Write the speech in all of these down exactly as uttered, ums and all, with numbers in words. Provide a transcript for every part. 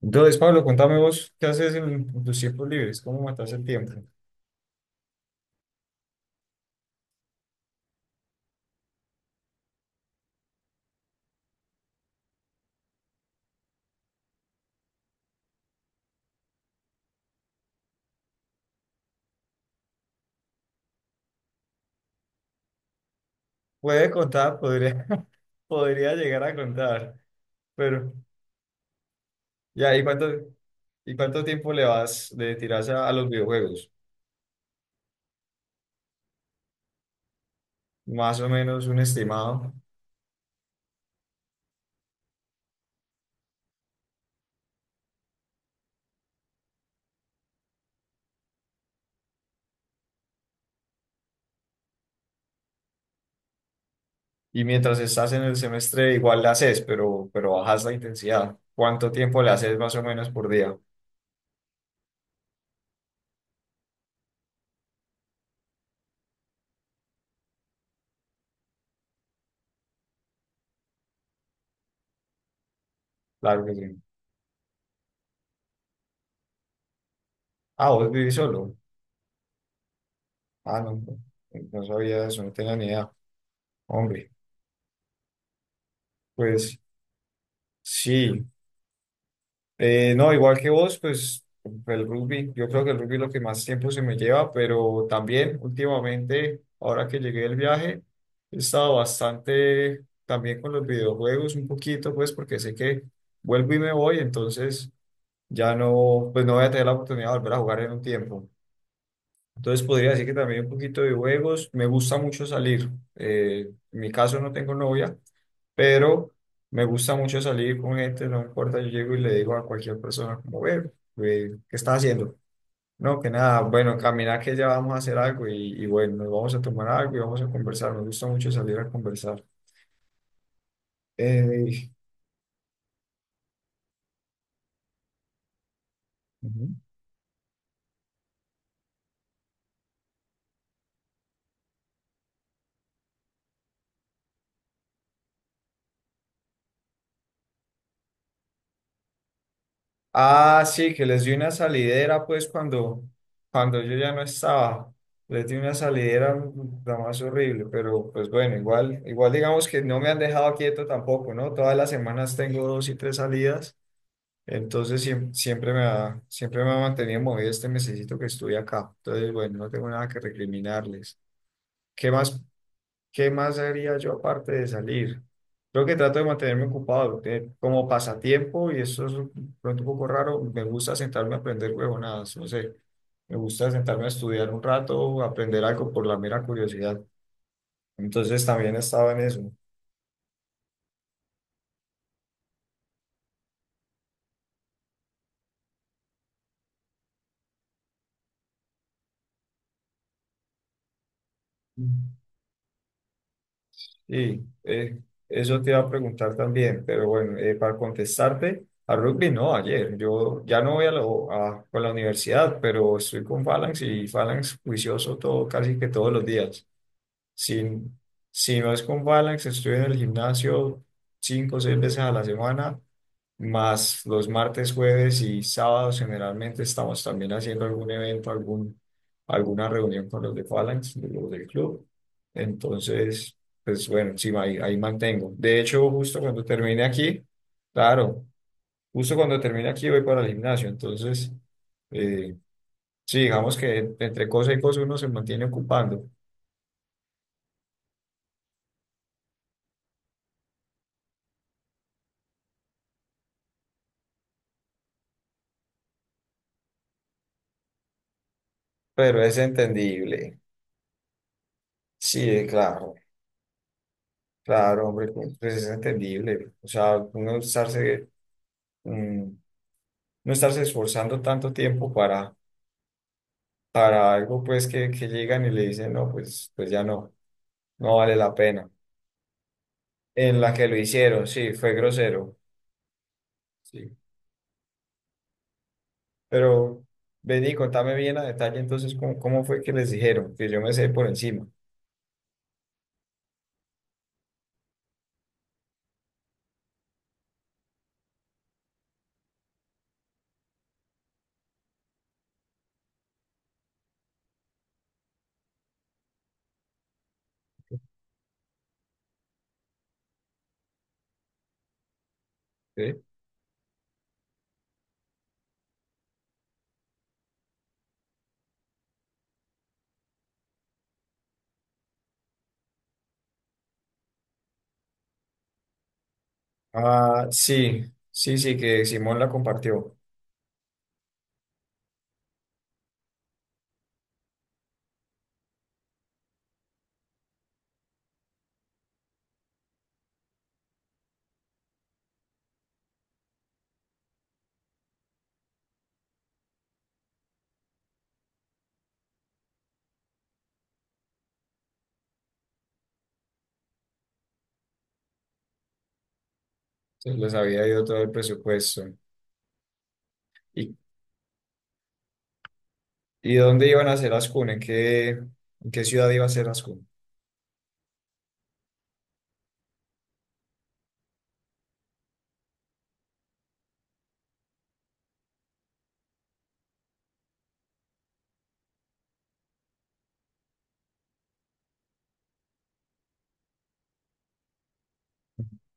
Entonces, Pablo, contame vos, ¿qué haces en tus tiempos libres? ¿Cómo matas el tiempo? Puede contar, podría, podría llegar a contar, pero ya, ¿y cuánto, y cuánto tiempo le vas, le tiras a, a los videojuegos? Más o menos un estimado. Y mientras estás en el semestre, igual le haces, pero, pero bajas la intensidad. ¿Cuánto tiempo le haces más o menos por día? Claro que sí. Ah, vos vivís solo. Ah, no, no no sabía eso, no tenía ni idea. Hombre, pues sí. Eh, no, igual que vos, pues el rugby, yo creo que el rugby es lo que más tiempo se me lleva, pero también últimamente, ahora que llegué del viaje, he estado bastante también con los videojuegos, un poquito, pues porque sé que vuelvo y me voy, entonces ya no, pues no voy a tener la oportunidad de volver a jugar en un tiempo. Entonces podría decir que también un poquito de juegos, me gusta mucho salir. Eh, en mi caso no tengo novia, pero me gusta mucho salir con gente, no importa, yo llego y le digo a cualquier persona como, "Ve, ve, ¿qué está haciendo? No, que nada, bueno, caminar que ya vamos a hacer algo y, y bueno, nos vamos a tomar algo y vamos a conversar, me gusta mucho salir a conversar. Eh, Ujú. Ah, sí, que les di una salidera pues cuando, cuando yo ya no estaba. Les di una salidera mm, la más horrible, pero pues bueno, igual, igual digamos que no me han dejado quieto tampoco, ¿no? Todas las semanas tengo dos y tres salidas. Entonces siem- siempre me ha, siempre me ha mantenido movido este mesecito que estuve acá. Entonces, bueno, no tengo nada que recriminarles. ¿Qué más, qué más haría yo aparte de salir? Creo que trato de mantenerme ocupado porque como pasatiempo, y eso es un- pronto un poco raro, me gusta sentarme a aprender huevonadas, no sé. Me gusta sentarme a estudiar un rato, aprender algo por la mera curiosidad. Entonces también estaba en eso. Sí, eh, eso te iba a preguntar también, pero bueno, eh, para contestarte, a rugby no, ayer. Yo ya no voy a, lo- a- con la universidad, pero estoy con Phalanx y Phalanx juicioso todo, casi que todos los días. Si, si no es con Phalanx, estoy en el gimnasio cinco o seis veces a la semana más los martes, jueves y sábados generalmente estamos también haciendo algún evento, algún, alguna reunión con los de Phalanx, de los del club. Entonces, pues bueno, sí, ahí, ahí mantengo. De hecho, justo cuando termine aquí, claro, justo cuando termine aquí voy para el gimnasio. Entonces, eh, sí, digamos que en- entre cosa y cosa uno se mantiene ocupando, pero es entendible. Sí, claro, claro, hombre, pues pues es entendible. O sea, uno estarse... mm, no estarse esforzando tanto tiempo para, para algo pues que, que llegan y le dicen, no, pues, pues ya no, no vale la pena. En la que lo hicieron, sí, fue grosero, sí. Pero vení, contame bien a detalle entonces cómo, cómo fue que les dijeron, que yo me sé por encima. ¿Sí? Ah, sí, sí, sí, que Simón la compartió. Se les había ido todo el presupuesto. ¿Y, y dónde iban a hacer las CUN? ¿En qué, en qué ciudad iba a hacer las CUN?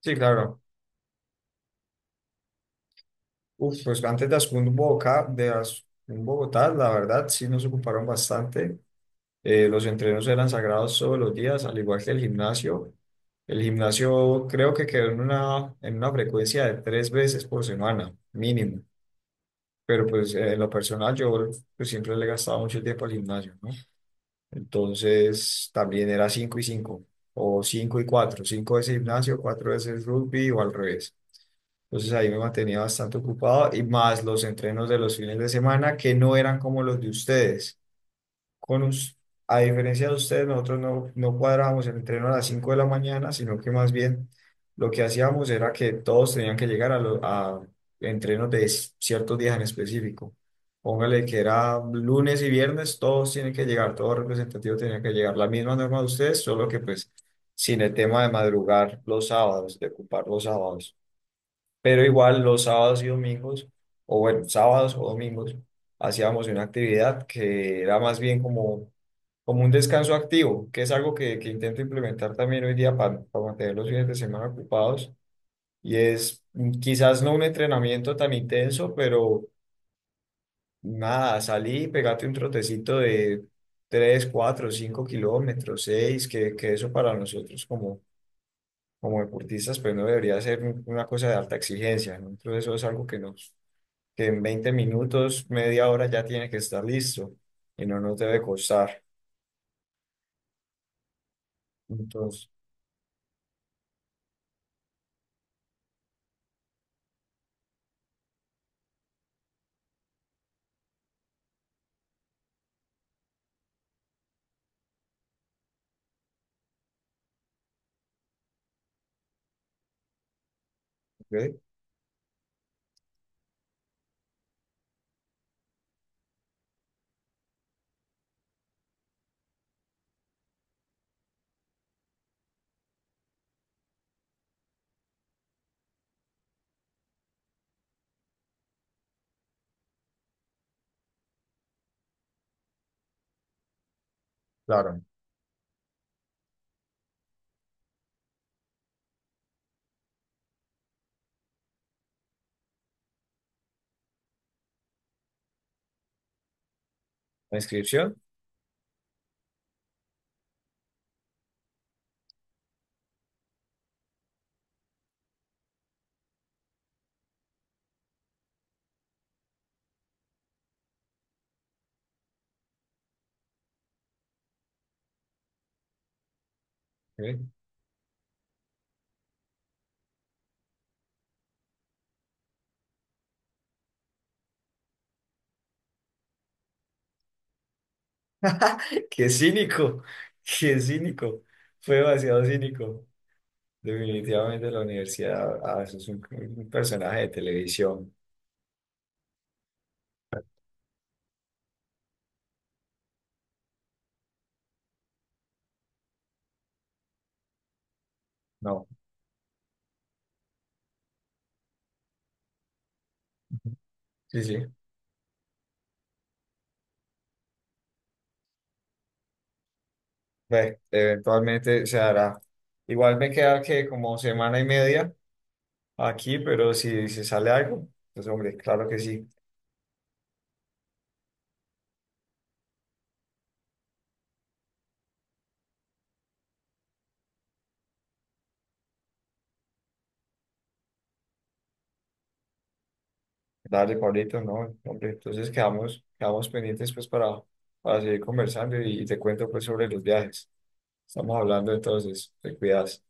Sí, claro. Uf, pues antes de Ascun Boca, de Ascun Bogotá, la verdad sí nos ocuparon bastante. Eh, los entrenos eran sagrados todos los días, al igual que el gimnasio. El gimnasio creo que quedó en una, en una frecuencia de tres veces por semana, mínimo. Pero pues eh, en lo personal yo pues, siempre le gastaba mucho tiempo al gimnasio, ¿no? Entonces también era cinco y cinco, o cinco y cuatro, cinco veces gimnasio, cuatro veces rugby o al revés. Entonces ahí me mantenía bastante ocupado y más los entrenos de los fines de semana que no eran como los de ustedes. Con us- a diferencia de ustedes, nosotros no, no cuadrábamos el entreno a las cinco de la mañana, sino que más bien lo que hacíamos era que todos tenían que llegar a, lo- a entrenos de s- ciertos días en específico. Póngale que era lunes y viernes, todos tienen que llegar, todo representativo tenía que llegar. La misma norma de ustedes, solo que pues sin el tema de madrugar los sábados, de ocupar los sábados pero igual los sábados y domingos, o bueno, sábados o domingos, hacíamos una actividad que era más bien como, como un descanso activo, que es algo que, que intento implementar también hoy día para, para mantener los fines de semana ocupados, y es mm, quizás no un entrenamiento tan intenso, pero nada, salí, pegate un trotecito de tres cuatro cinco kilómetros, seis que, que eso para nosotros como como deportistas, pues no debería ser un- una cosa de alta exigencia, ¿no? Entonces eso es algo que nos, que en veinte minutos, media hora ya tiene que estar listo y no nos debe costar. Entonces, ok, claro, la inscripción. Ok. Qué cínico, qué cínico. Fue demasiado cínico. Definitivamente la universidad, ah, eso es un, un personaje de televisión. No, sí, sí. Ve, eventualmente se hará. Igual me queda que como semana y media aquí, pero si se sale algo, pues hombre, claro que sí. Dale, Pablito, no, hombre, entonces quedamos, quedamos pendientes pues para, para seguir conversando y, y te cuento pues sobre los viajes. Estamos hablando entonces, te cuidas.